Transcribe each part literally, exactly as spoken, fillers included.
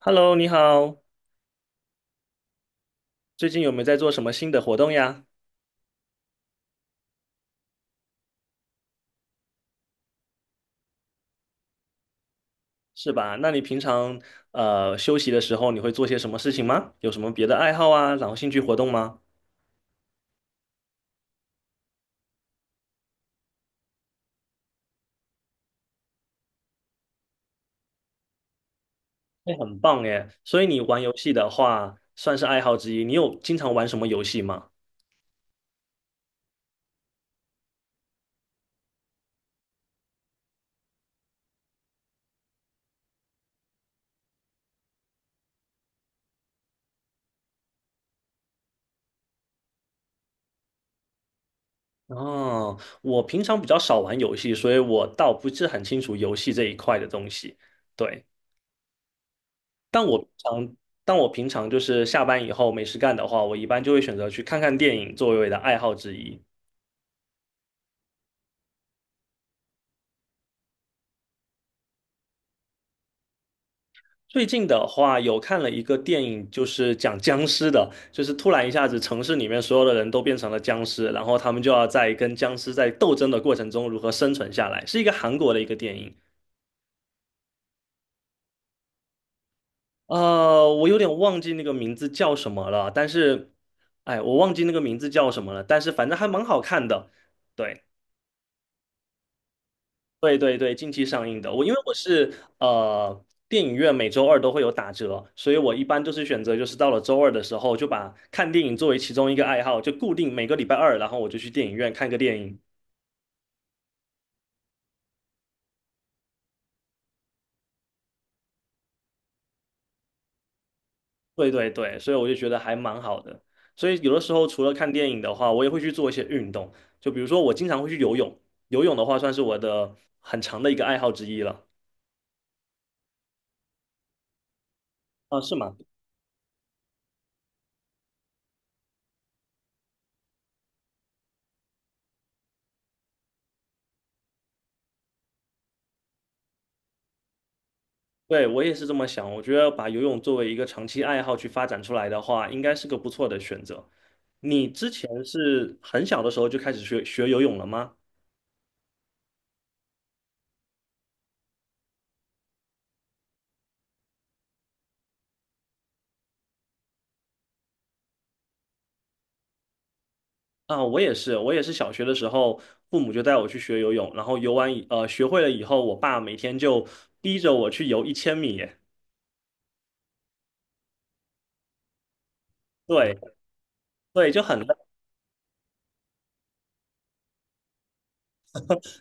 Hello，你好，最近有没有在做什么新的活动呀？是吧？那你平常呃休息的时候，你会做些什么事情吗？有什么别的爱好啊，然后兴趣活动吗？哎，很棒耶！所以你玩游戏的话，算是爱好之一。你有经常玩什么游戏吗？哦，我平常比较少玩游戏，所以我倒不是很清楚游戏这一块的东西。对，但我平常就是下班以后没事干的话，我一般就会选择去看看电影作为我的爱好之一。最近的话，有看了一个电影，就是讲僵尸的，就是突然一下子城市里面所有的人都变成了僵尸，然后他们就要在跟僵尸在斗争的过程中如何生存下来，是一个韩国的一个电影。呃，我有点忘记那个名字叫什么了，但是，哎，我忘记那个名字叫什么了，但是反正还蛮好看的。对。对对对，近期上映的。我因为我是呃电影院每周二都会有打折，所以我一般都是选择就是到了周二的时候就把看电影作为其中一个爱好，就固定每个礼拜二，然后我就去电影院看个电影。对对对，所以我就觉得还蛮好的。所以有的时候除了看电影的话，我也会去做一些运动，就比如说我经常会去游泳，游泳的话算是我的很长的一个爱好之一了。啊，是吗？对，我也是这么想。我觉得把游泳作为一个长期爱好去发展出来的话，应该是个不错的选择。你之前是很小的时候就开始学学游泳了吗？啊，我也是，我也是小学的时候，父母就带我去学游泳，然后游完以呃学会了以后，我爸每天就逼着我去游一千米耶。对。对，就很累。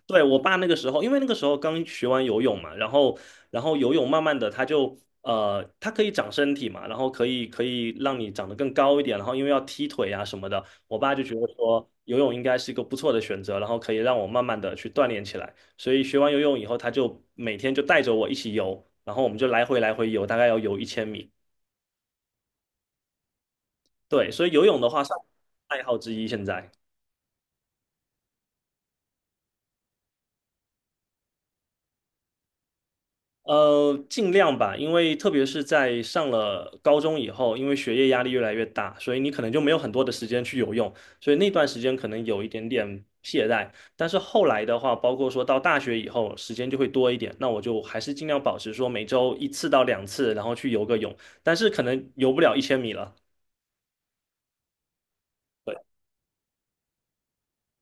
对，我爸那个时候，因为那个时候刚学完游泳嘛，然后然后游泳慢慢的他就呃，它可以长身体嘛，然后可以可以让你长得更高一点，然后因为要踢腿啊什么的，我爸就觉得说游泳应该是一个不错的选择，然后可以让我慢慢的去锻炼起来，所以学完游泳以后，他就每天就带着我一起游，然后我们就来回来回游，大概要游一千米。对，所以游泳的话算爱好之一现在。呃，尽量吧，因为特别是在上了高中以后，因为学业压力越来越大，所以你可能就没有很多的时间去游泳，所以那段时间可能有一点点懈怠。但是后来的话，包括说到大学以后，时间就会多一点，那我就还是尽量保持说每周一次到两次，然后去游个泳，但是可能游不了一千米了。对，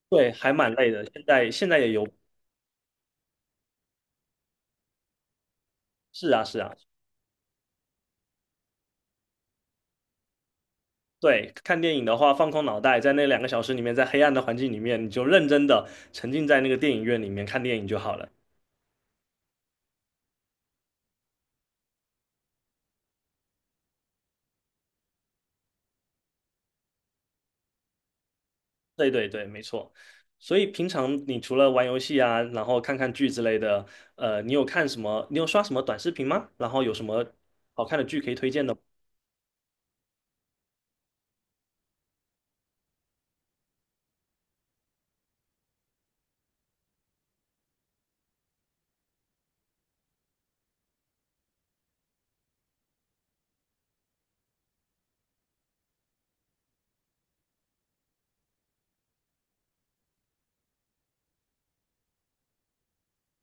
对，还蛮累的，现在现在也游。是啊，是啊，对，看电影的话，放空脑袋，在那两个小时里面，在黑暗的环境里面，你就认真的沉浸在那个电影院里面看电影就好了。对对对，没错。所以平常你除了玩游戏啊，然后看看剧之类的，呃，你有看什么？你有刷什么短视频吗？然后有什么好看的剧可以推荐的吗？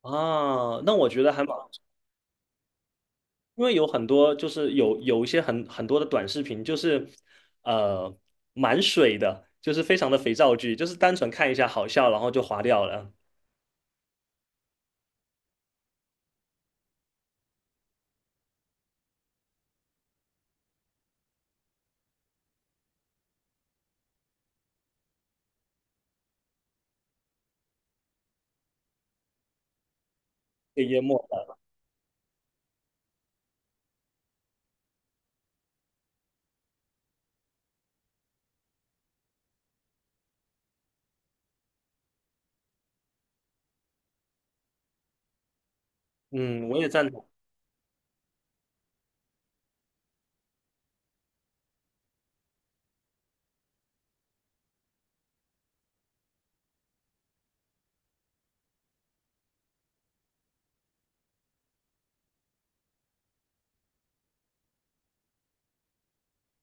啊，那我觉得还蛮，因为有很多就是有有一些很很多的短视频，就是呃蛮水的，就是非常的肥皂剧，就是单纯看一下好笑，然后就划掉了，被淹没。嗯，我也赞同。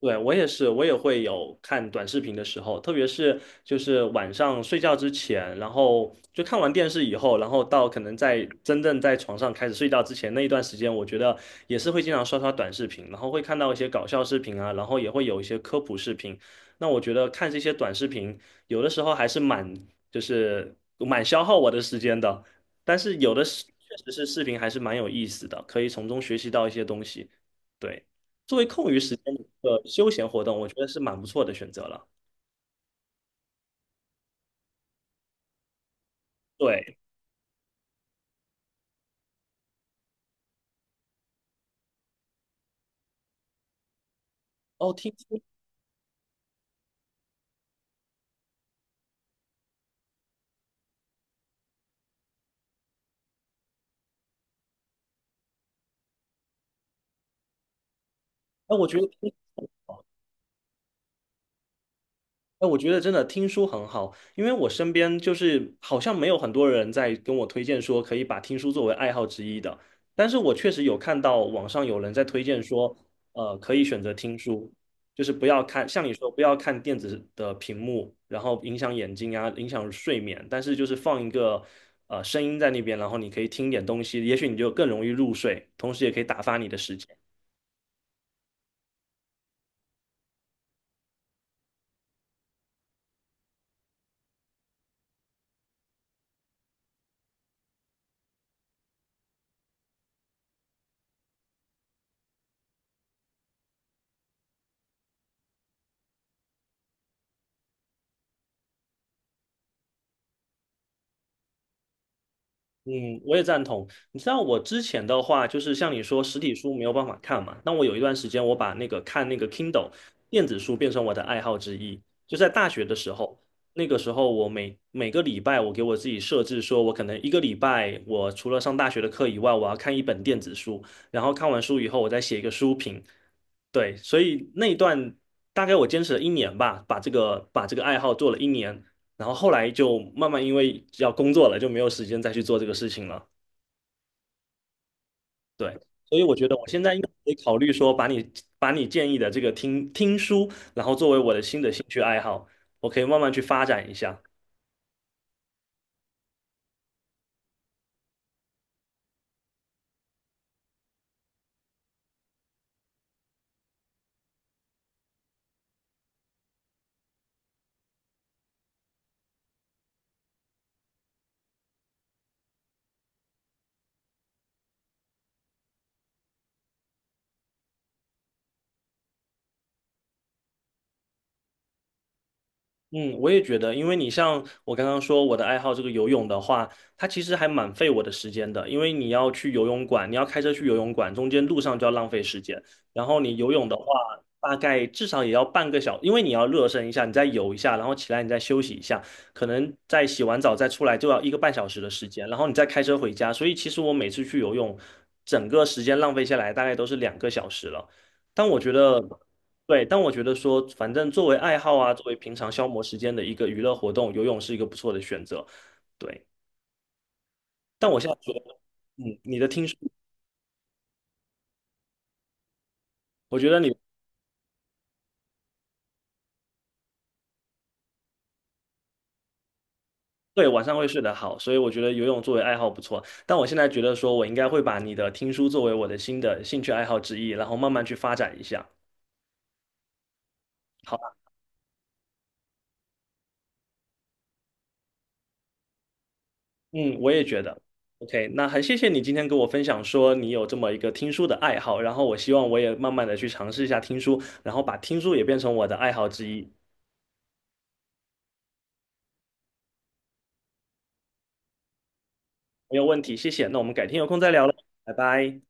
对，我也是，我也会有看短视频的时候，特别是就是晚上睡觉之前，然后就看完电视以后，然后到可能在真正在床上开始睡觉之前那一段时间，我觉得也是会经常刷刷短视频，然后会看到一些搞笑视频啊，然后也会有一些科普视频。那我觉得看这些短视频，有的时候还是蛮就是蛮消耗我的时间的，但是有的是确实是视频还是蛮有意思的，可以从中学习到一些东西。对。作为空余时间的一个休闲活动，我觉得是蛮不错的选择了。对，哦，听说，哎，我觉得听哎，我觉得真的听书很好，因为我身边就是好像没有很多人在跟我推荐说可以把听书作为爱好之一的，但是我确实有看到网上有人在推荐说，呃，可以选择听书，就是不要看，像你说不要看电子的屏幕，然后影响眼睛啊，影响睡眠，但是就是放一个呃声音在那边，然后你可以听点东西，也许你就更容易入睡，同时也可以打发你的时间。嗯，我也赞同。你知道我之前的话，就是像你说实体书没有办法看嘛，那我有一段时间我把那个看那个 Kindle 电子书变成我的爱好之一。就在大学的时候，那个时候我每每个礼拜我给我自己设置说，我可能一个礼拜我除了上大学的课以外，我要看一本电子书，然后看完书以后我再写一个书评。对，所以那一段大概我坚持了一年吧，把这个把这个爱好做了一年。然后后来就慢慢因为要工作了，就没有时间再去做这个事情了。对，所以我觉得我现在应该可以考虑说，把你把你建议的这个听听书，然后作为我的新的兴趣爱好，我可以慢慢去发展一下。嗯，我也觉得，因为你像我刚刚说我的爱好这个游泳的话，它其实还蛮费我的时间的，因为你要去游泳馆，你要开车去游泳馆，中间路上就要浪费时间。然后你游泳的话，大概至少也要半个小因为你要热身一下，你再游一下，然后起来你再休息一下，可能再洗完澡再出来就要一个半小时的时间，然后你再开车回家。所以其实我每次去游泳，整个时间浪费下来大概都是两个小时了。但我觉得。对，但我觉得说，反正作为爱好啊，作为平常消磨时间的一个娱乐活动，游泳是一个不错的选择。对，但我现在觉得，嗯，你的听说，我觉得你对晚上会睡得好，所以我觉得游泳作为爱好不错。但我现在觉得说，我应该会把你的听书作为我的新的兴趣爱好之一，然后慢慢去发展一下。好吧，嗯，我也觉得。OK，那很谢谢你今天跟我分享说你有这么一个听书的爱好，然后我希望我也慢慢的去尝试一下听书，然后把听书也变成我的爱好之一。没有问题，谢谢。那我们改天有空再聊了，拜拜。